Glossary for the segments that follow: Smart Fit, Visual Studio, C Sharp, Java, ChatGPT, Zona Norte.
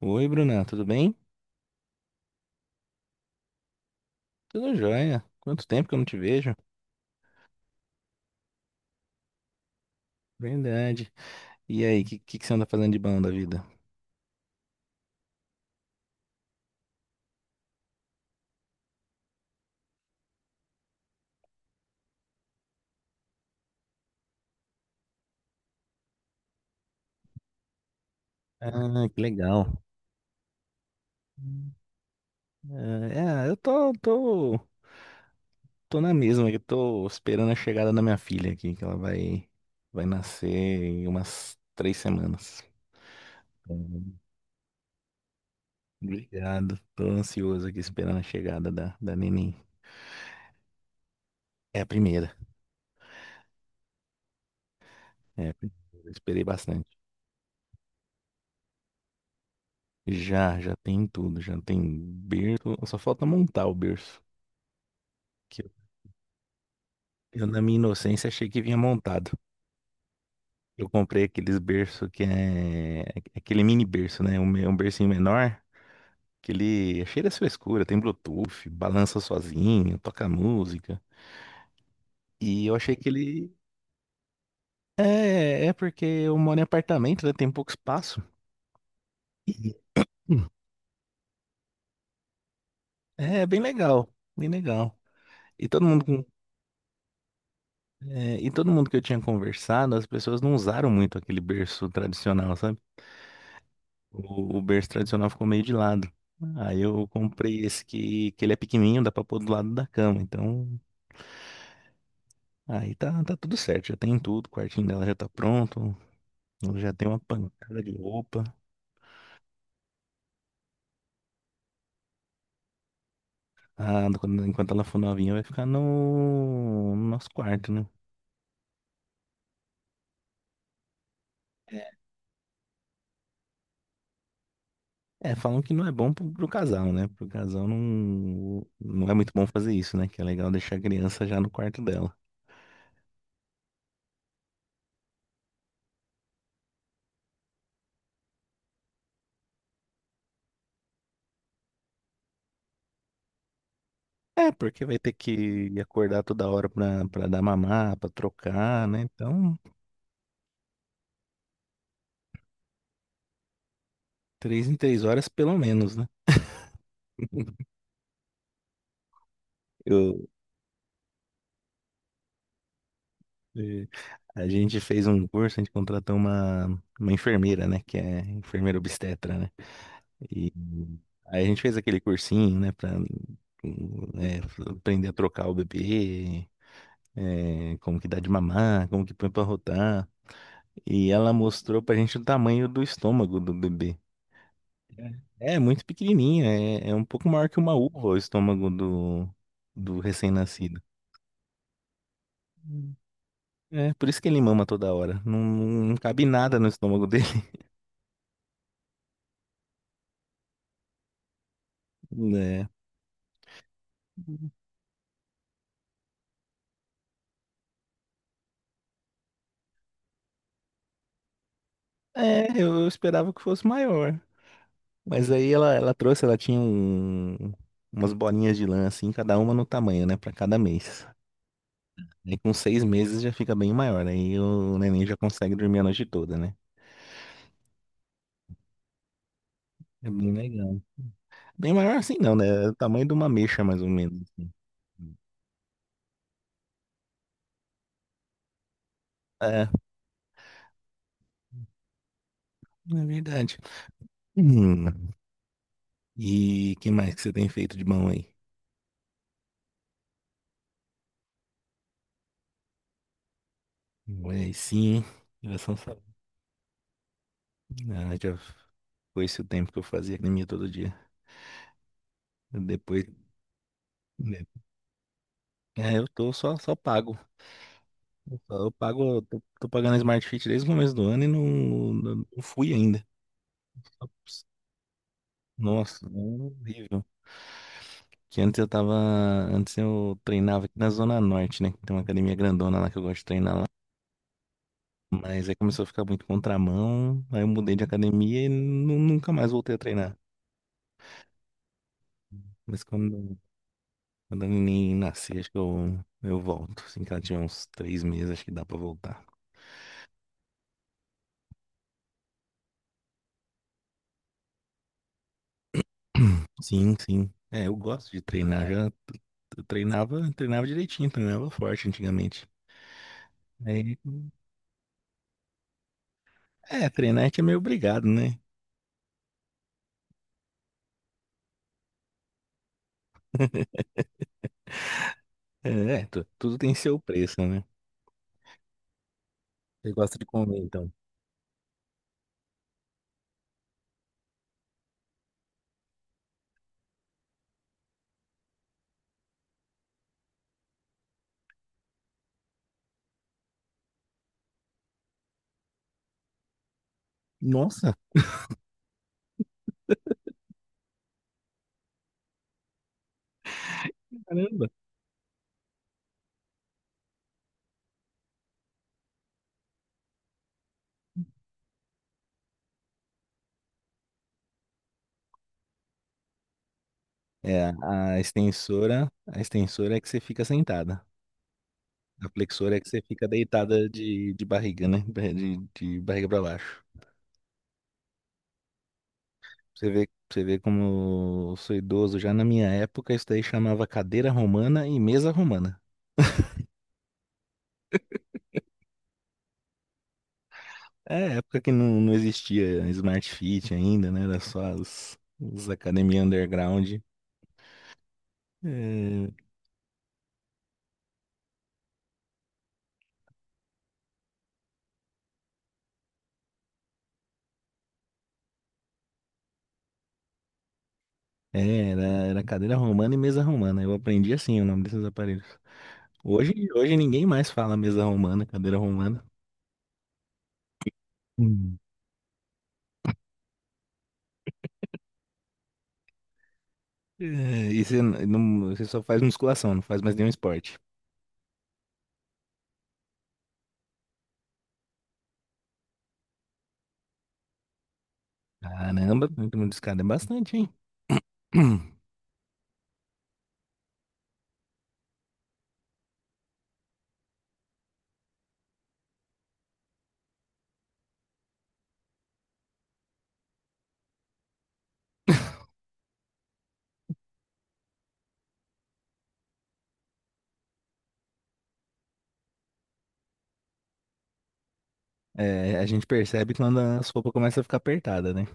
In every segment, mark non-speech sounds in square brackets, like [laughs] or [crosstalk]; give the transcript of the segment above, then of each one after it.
Oi, Bruna, tudo bem? Tudo jóia. Quanto tempo que eu não te vejo? Verdade. E aí, o que que você anda fazendo de bom da vida? Ah, que legal. Ah, eu tô na mesma, que eu tô esperando a chegada da minha filha aqui, que ela vai nascer em umas 3 semanas. Hum, Obrigado. Tô ansioso aqui esperando a chegada da neném. É a primeira. É, a primeira. Esperei bastante. Já tem tudo, já tem berço. Só falta montar o berço. Que eu, na minha inocência, achei que vinha montado. Eu comprei aqueles berço que é aquele mini berço, né? Um bercinho menor, que ele é cheio da sua escura, tem Bluetooth, balança sozinho, toca música. E eu achei que ele. É, é, porque eu moro em apartamento, né? Tem pouco espaço. E- é, bem legal, bem legal. E todo mundo, com- e todo mundo que eu tinha conversado, as pessoas não usaram muito aquele berço tradicional, sabe? O berço tradicional ficou meio de lado. Aí eu comprei esse que ele é pequenininho, dá pra pôr do lado da cama. Então, aí tá tudo certo, já tem tudo. O quartinho dela já tá pronto. Ela já tem uma pancada de roupa. Ah, enquanto ela for novinha, vai ficar no nosso quarto, né? É, falam que não é bom pro casal, né? Pro casal não é muito bom fazer isso, né? Que é legal deixar a criança já no quarto dela. É, porque vai ter que acordar toda hora pra dar mamar, pra trocar, né? Então. 3 em 3 horas, pelo menos, né? [laughs] Eu, eh, a gente fez um curso, a gente contratou uma enfermeira, né? Que é enfermeira obstetra, né? E aí a gente fez aquele cursinho, né? Pra, hum, eh, aprender a trocar o bebê, como que dá de mamar, como que põe pra rotar. E ela mostrou pra gente o tamanho do estômago do bebê. É, muito pequenininho, é um pouco maior que uma uva o estômago do, do recém-nascido. É, por isso que ele mama toda hora. Não, não cabe nada no estômago dele, [laughs] né? É, eu esperava que fosse maior. Mas aí ela tinha umas bolinhas de lã, assim, cada uma no tamanho, né? Pra cada mês. Aí com 6 meses já fica bem maior. Aí o neném já consegue dormir a noite toda, né? É bem legal. Bem maior assim não, né? É o tamanho de uma ameixa, mais ou menos, assim. É, é, verdade. Hum, E que mais que você tem feito de bom aí? Olha aí sim, geração. Ah, já foi esse o tempo que eu fazia academia todo dia. Depois, né? É, eu tô só pago. Eu pago, eu tô pagando a Smart Fit desde o começo do ano e não fui ainda. Ops. Nossa, é horrível. Que antes eu treinava aqui na Zona Norte, né? Tem uma academia grandona lá que eu gosto de treinar lá. Mas aí começou a ficar muito contramão, aí eu mudei de academia e nunca mais voltei a treinar. Mas quando a neném nascer, acho que eu volto. Assim que ela tiver uns 3 meses, acho que dá pra voltar. [clears throat] Sim, sim. É, eu gosto de treinar. Já treinava direitinho, treinava forte antigamente. Aí, treinar a gente é meio obrigado, né? É, tudo tem seu preço, né? Você gosta de comer, então. Nossa, caramba. É, a extensora é que você fica sentada. A flexora é que você fica deitada de barriga, né? De barriga pra baixo. Você vê como eu sou idoso. Já na minha época, isso daí chamava cadeira romana e mesa romana. É época que não existia Smart Fit ainda, né? Era só as academias underground. É, é, era, era cadeira romana e mesa romana. Eu aprendi assim o nome desses aparelhos. Hoje ninguém mais fala mesa romana, cadeira romana. Hum. É, e você, não, você só faz musculação, não faz mais nenhum esporte. Caramba, muito escada é bastante, hein? [clears throat] É, a gente percebe quando a roupas começa a ficar apertada, né?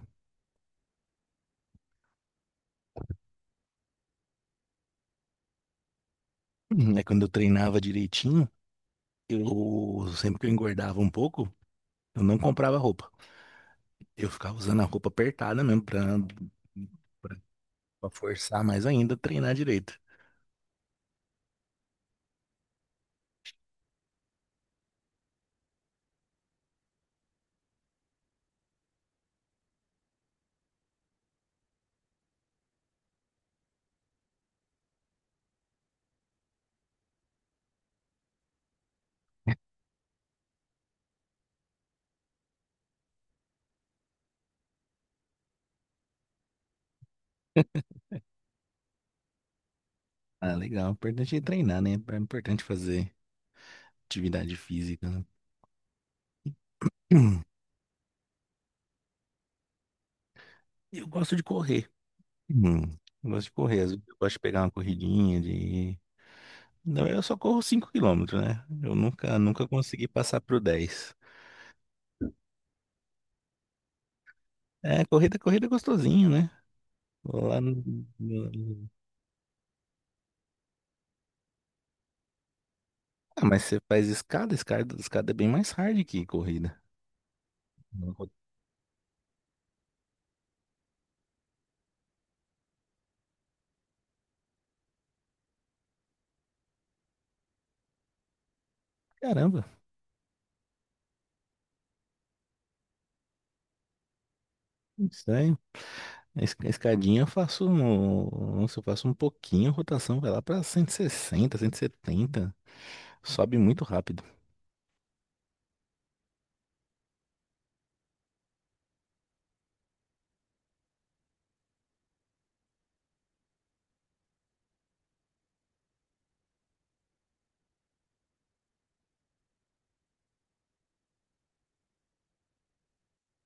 Uhum. É quando eu treinava direitinho, eu sempre que eu engordava um pouco, eu não comprava roupa. Eu ficava usando a roupa apertada mesmo pra, pra forçar mais ainda a treinar direito. [laughs] Ah, legal. O importante é treinar, né? É importante fazer atividade física, né? Hum, Eu gosto de correr. Hum, Eu gosto de correr. Às vezes eu gosto de pegar uma corridinha de. Não, eu só corro 5 quilômetros, né? Eu nunca, nunca consegui passar pro 10. É, corrida, corrida é gostosinho, né? Lá no. no- Ah, mas você faz escada, escada, escada é bem mais hard que corrida. Caramba, estranho. A escadinha eu faço, nossa, eu faço um pouquinho, a rotação vai lá pra 160, 170 sobe muito rápido.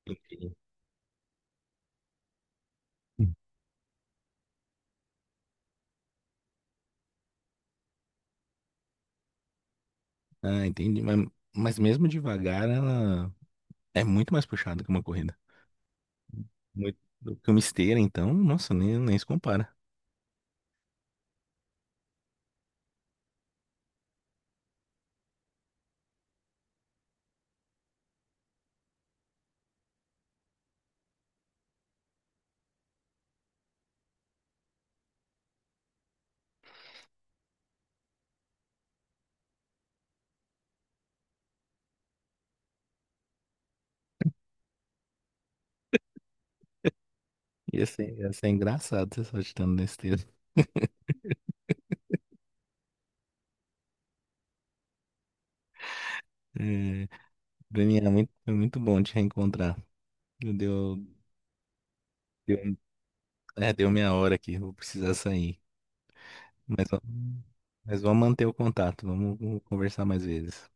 Entendi. Ah, entendi, mas mesmo devagar ela é muito mais puxada que uma corrida. Muito, do que uma esteira, então, nossa, nem se compara. Ia ser engraçado você só agitando na esteira. É, Bruninha, foi muito bom te reencontrar. Deu, deu, deu minha hora aqui, vou precisar sair. Mas, va- mas vamos manter o contato, vamos conversar mais vezes.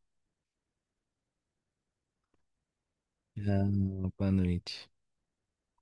Ah, boa noite.